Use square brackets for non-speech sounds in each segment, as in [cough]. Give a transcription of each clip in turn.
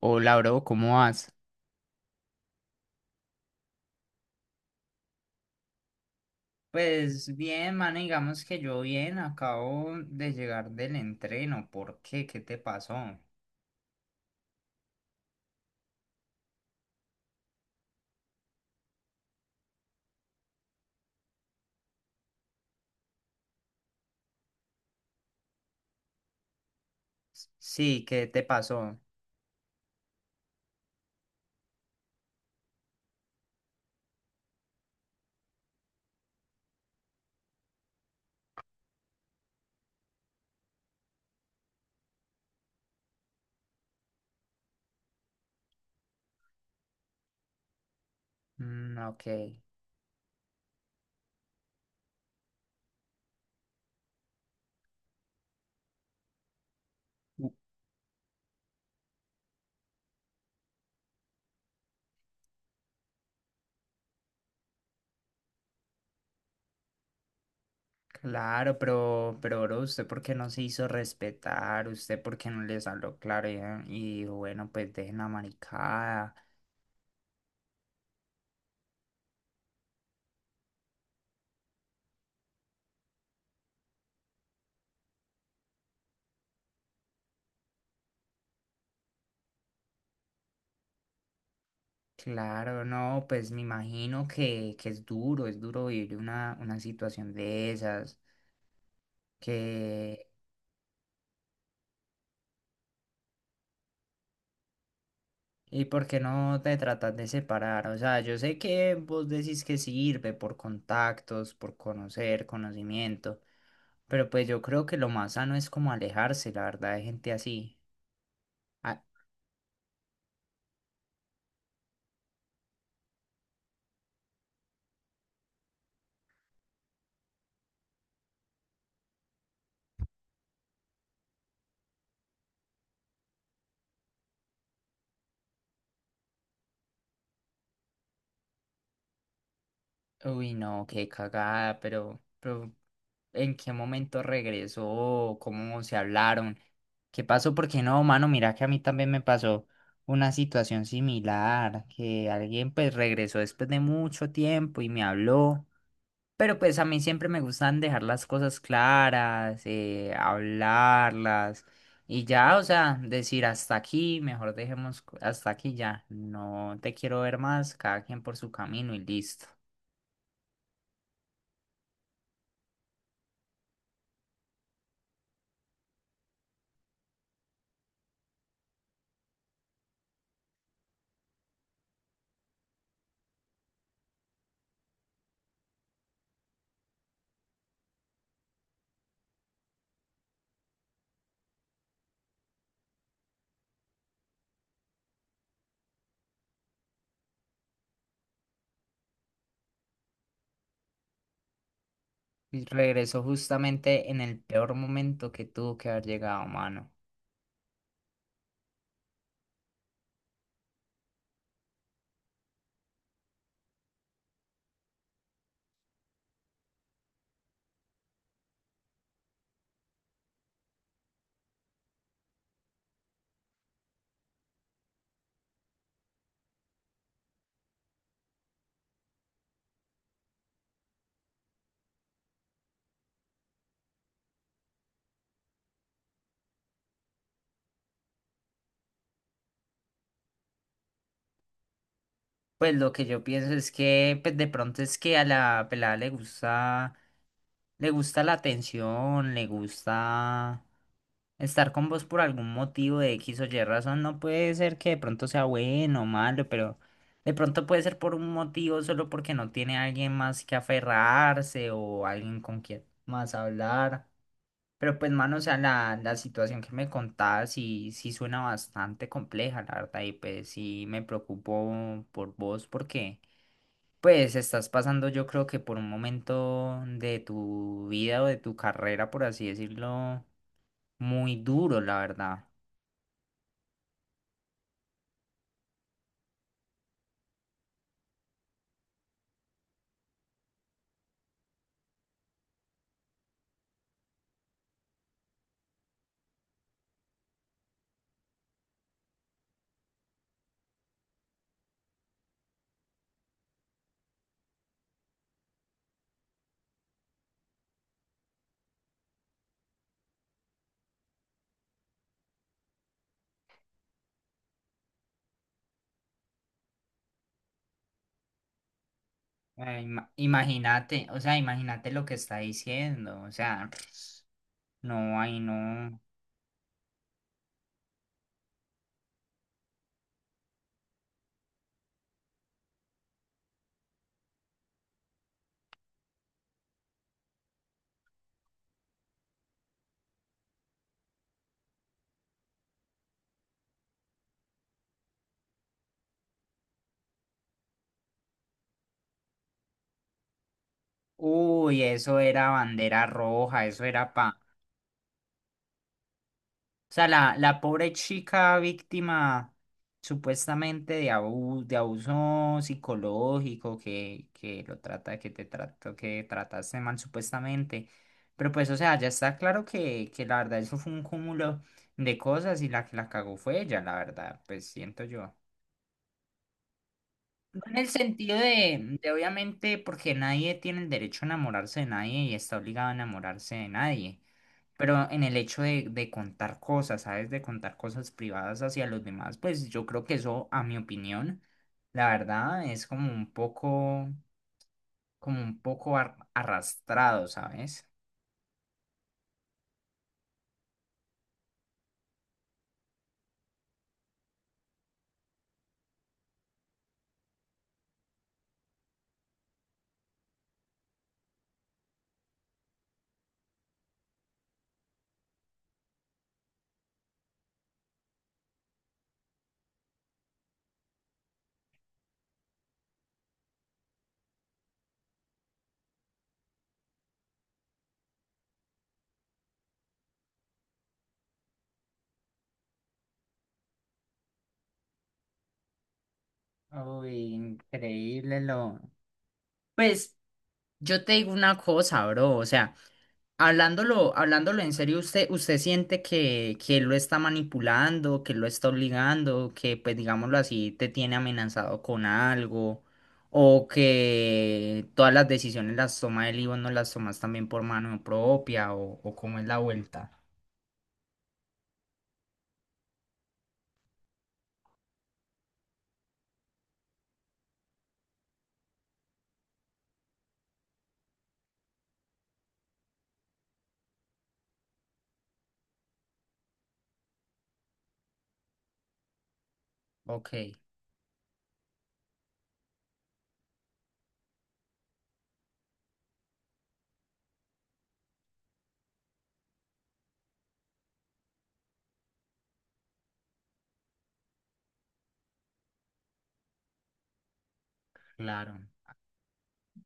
Hola, bro, ¿cómo vas? Pues bien, mano, digamos que yo bien, acabo de llegar del entreno. ¿Por qué? ¿Qué te pasó? Sí, ¿qué te pasó? Mm, ok. U- Claro, pero, bro, ¿usted por qué no se hizo respetar? ¿Usted por qué no les habló claro? Y dijo, bueno, pues dejen la maricada. Claro, no, pues me imagino que es duro vivir una situación de esas. Que ¿Y por qué no te tratas de separar? O sea, yo sé que vos decís que sirve por contactos, por conocer, conocimiento, pero pues yo creo que lo más sano es como alejarse, la verdad, de gente así. Ah, uy, no, qué cagada, pero ¿en qué momento regresó? ¿Cómo se hablaron? ¿Qué pasó? Porque no, mano, mira que a mí también me pasó una situación similar, que alguien pues regresó después de mucho tiempo y me habló. Pero pues a mí siempre me gustan dejar las cosas claras, hablarlas y ya, o sea, decir hasta aquí, mejor dejemos hasta aquí ya, no te quiero ver más, cada quien por su camino y listo. Y regresó justamente en el peor momento que tuvo que haber llegado, mano. Pues lo que yo pienso es que pues de pronto es que a la pelada le gusta la atención, le gusta. Estar con vos por algún motivo de X o Y razón no puede ser que de pronto sea bueno o malo, pero de pronto puede ser por un motivo solo porque no tiene alguien más que aferrarse o alguien con quien más hablar. Pero pues, mano, o sea, la situación que me contás sí, sí suena bastante compleja, la verdad, y pues sí me preocupo por vos porque pues estás pasando yo creo que por un momento de tu vida o de tu carrera, por así decirlo, muy duro, la verdad. Ah, imagínate, o sea, imagínate lo que está diciendo, o sea, [sniffs] no, ay, no. Uy, eso era bandera roja, eso era pa. O sea, la pobre chica víctima supuestamente de de abuso psicológico, que lo trata, que te trató, que trataste mal supuestamente. Pero pues, o sea, ya está claro que la verdad eso fue un cúmulo de cosas y la que la cagó fue ella, la verdad, pues siento yo. No. En el sentido de, obviamente, porque nadie tiene el derecho a enamorarse de nadie y está obligado a enamorarse de nadie, pero en el hecho de contar cosas, ¿sabes? De contar cosas privadas hacia los demás, pues yo creo que eso, a mi opinión, la verdad, es como un poco arrastrado, ¿sabes? Uy, increíble lo. Pues yo te digo una cosa, bro, o sea. Hablándolo, hablándolo en serio, ¿usted, usted siente que él lo está manipulando, que lo está obligando, que pues digámoslo así, te tiene amenazado con algo, o que todas las decisiones las toma él y vos no las tomas también por mano propia, o cómo es la vuelta? Ok, claro,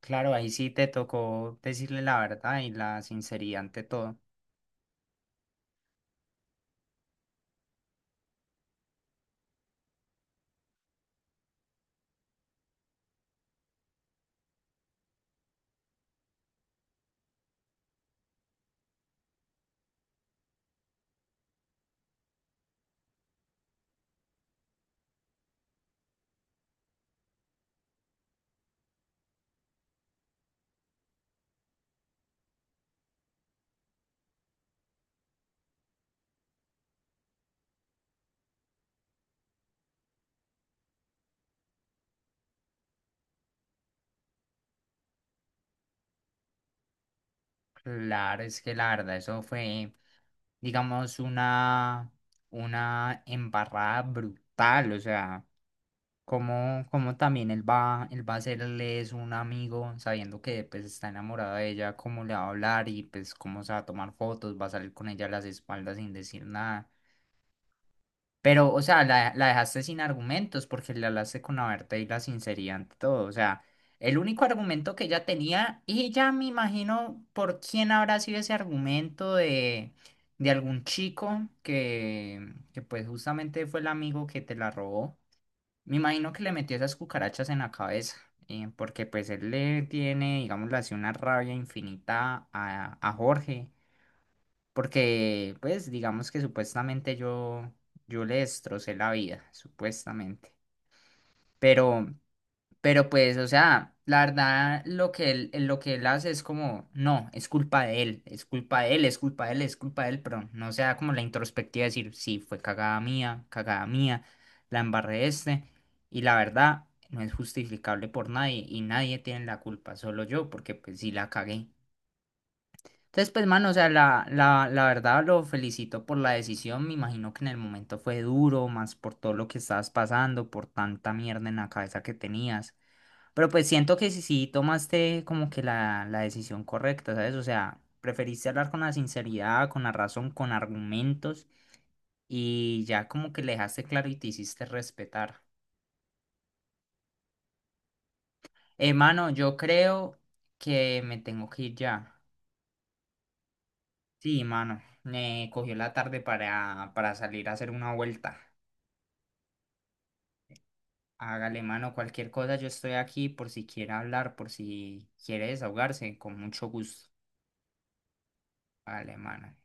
claro, ahí sí te tocó decirle la verdad y la sinceridad ante todo. Claro, es que la verdad, eso fue, digamos, una embarrada brutal. O sea, como, como también él va a hacerle eso a un amigo, sabiendo que pues está enamorado de ella, cómo le va a hablar y pues cómo se va a tomar fotos, va a salir con ella a las espaldas sin decir nada. Pero, o sea, la dejaste sin argumentos porque le hablaste con la verdad y la sinceridad ante todo. O sea, el único argumento que ella tenía, y ya me imagino por quién habrá sido ese argumento de algún chico que pues justamente fue el amigo que te la robó. Me imagino que le metió esas cucarachas en la cabeza, porque pues él le tiene, digámoslo así, una rabia infinita a Jorge. Porque, pues, digamos que supuestamente yo, yo le destrocé la vida, supuestamente. Pero, pero pues, o sea, la verdad, lo que él hace es como, no, es culpa de él, es culpa de él, es culpa de él, es culpa de él, pero no sea como la introspectiva de decir, sí, fue cagada mía, la embarré este. Y la verdad, no es justificable por nadie y nadie tiene la culpa, solo yo, porque pues sí la cagué. Entonces, pues, mano, o sea, la, la verdad lo felicito por la decisión. Me imagino que en el momento fue duro, más por todo lo que estabas pasando, por tanta mierda en la cabeza que tenías. Pero pues siento que sí, sí tomaste como que la decisión correcta, ¿sabes? O sea, preferiste hablar con la sinceridad, con la razón, con argumentos y ya como que le dejaste claro y te hiciste respetar. Mano, yo creo que me tengo que ir ya. Sí, mano, me cogió la tarde para salir a hacer una vuelta. Hágale mano cualquier cosa, yo estoy aquí por si quiere hablar, por si quiere desahogarse, con mucho gusto. Hágale mano.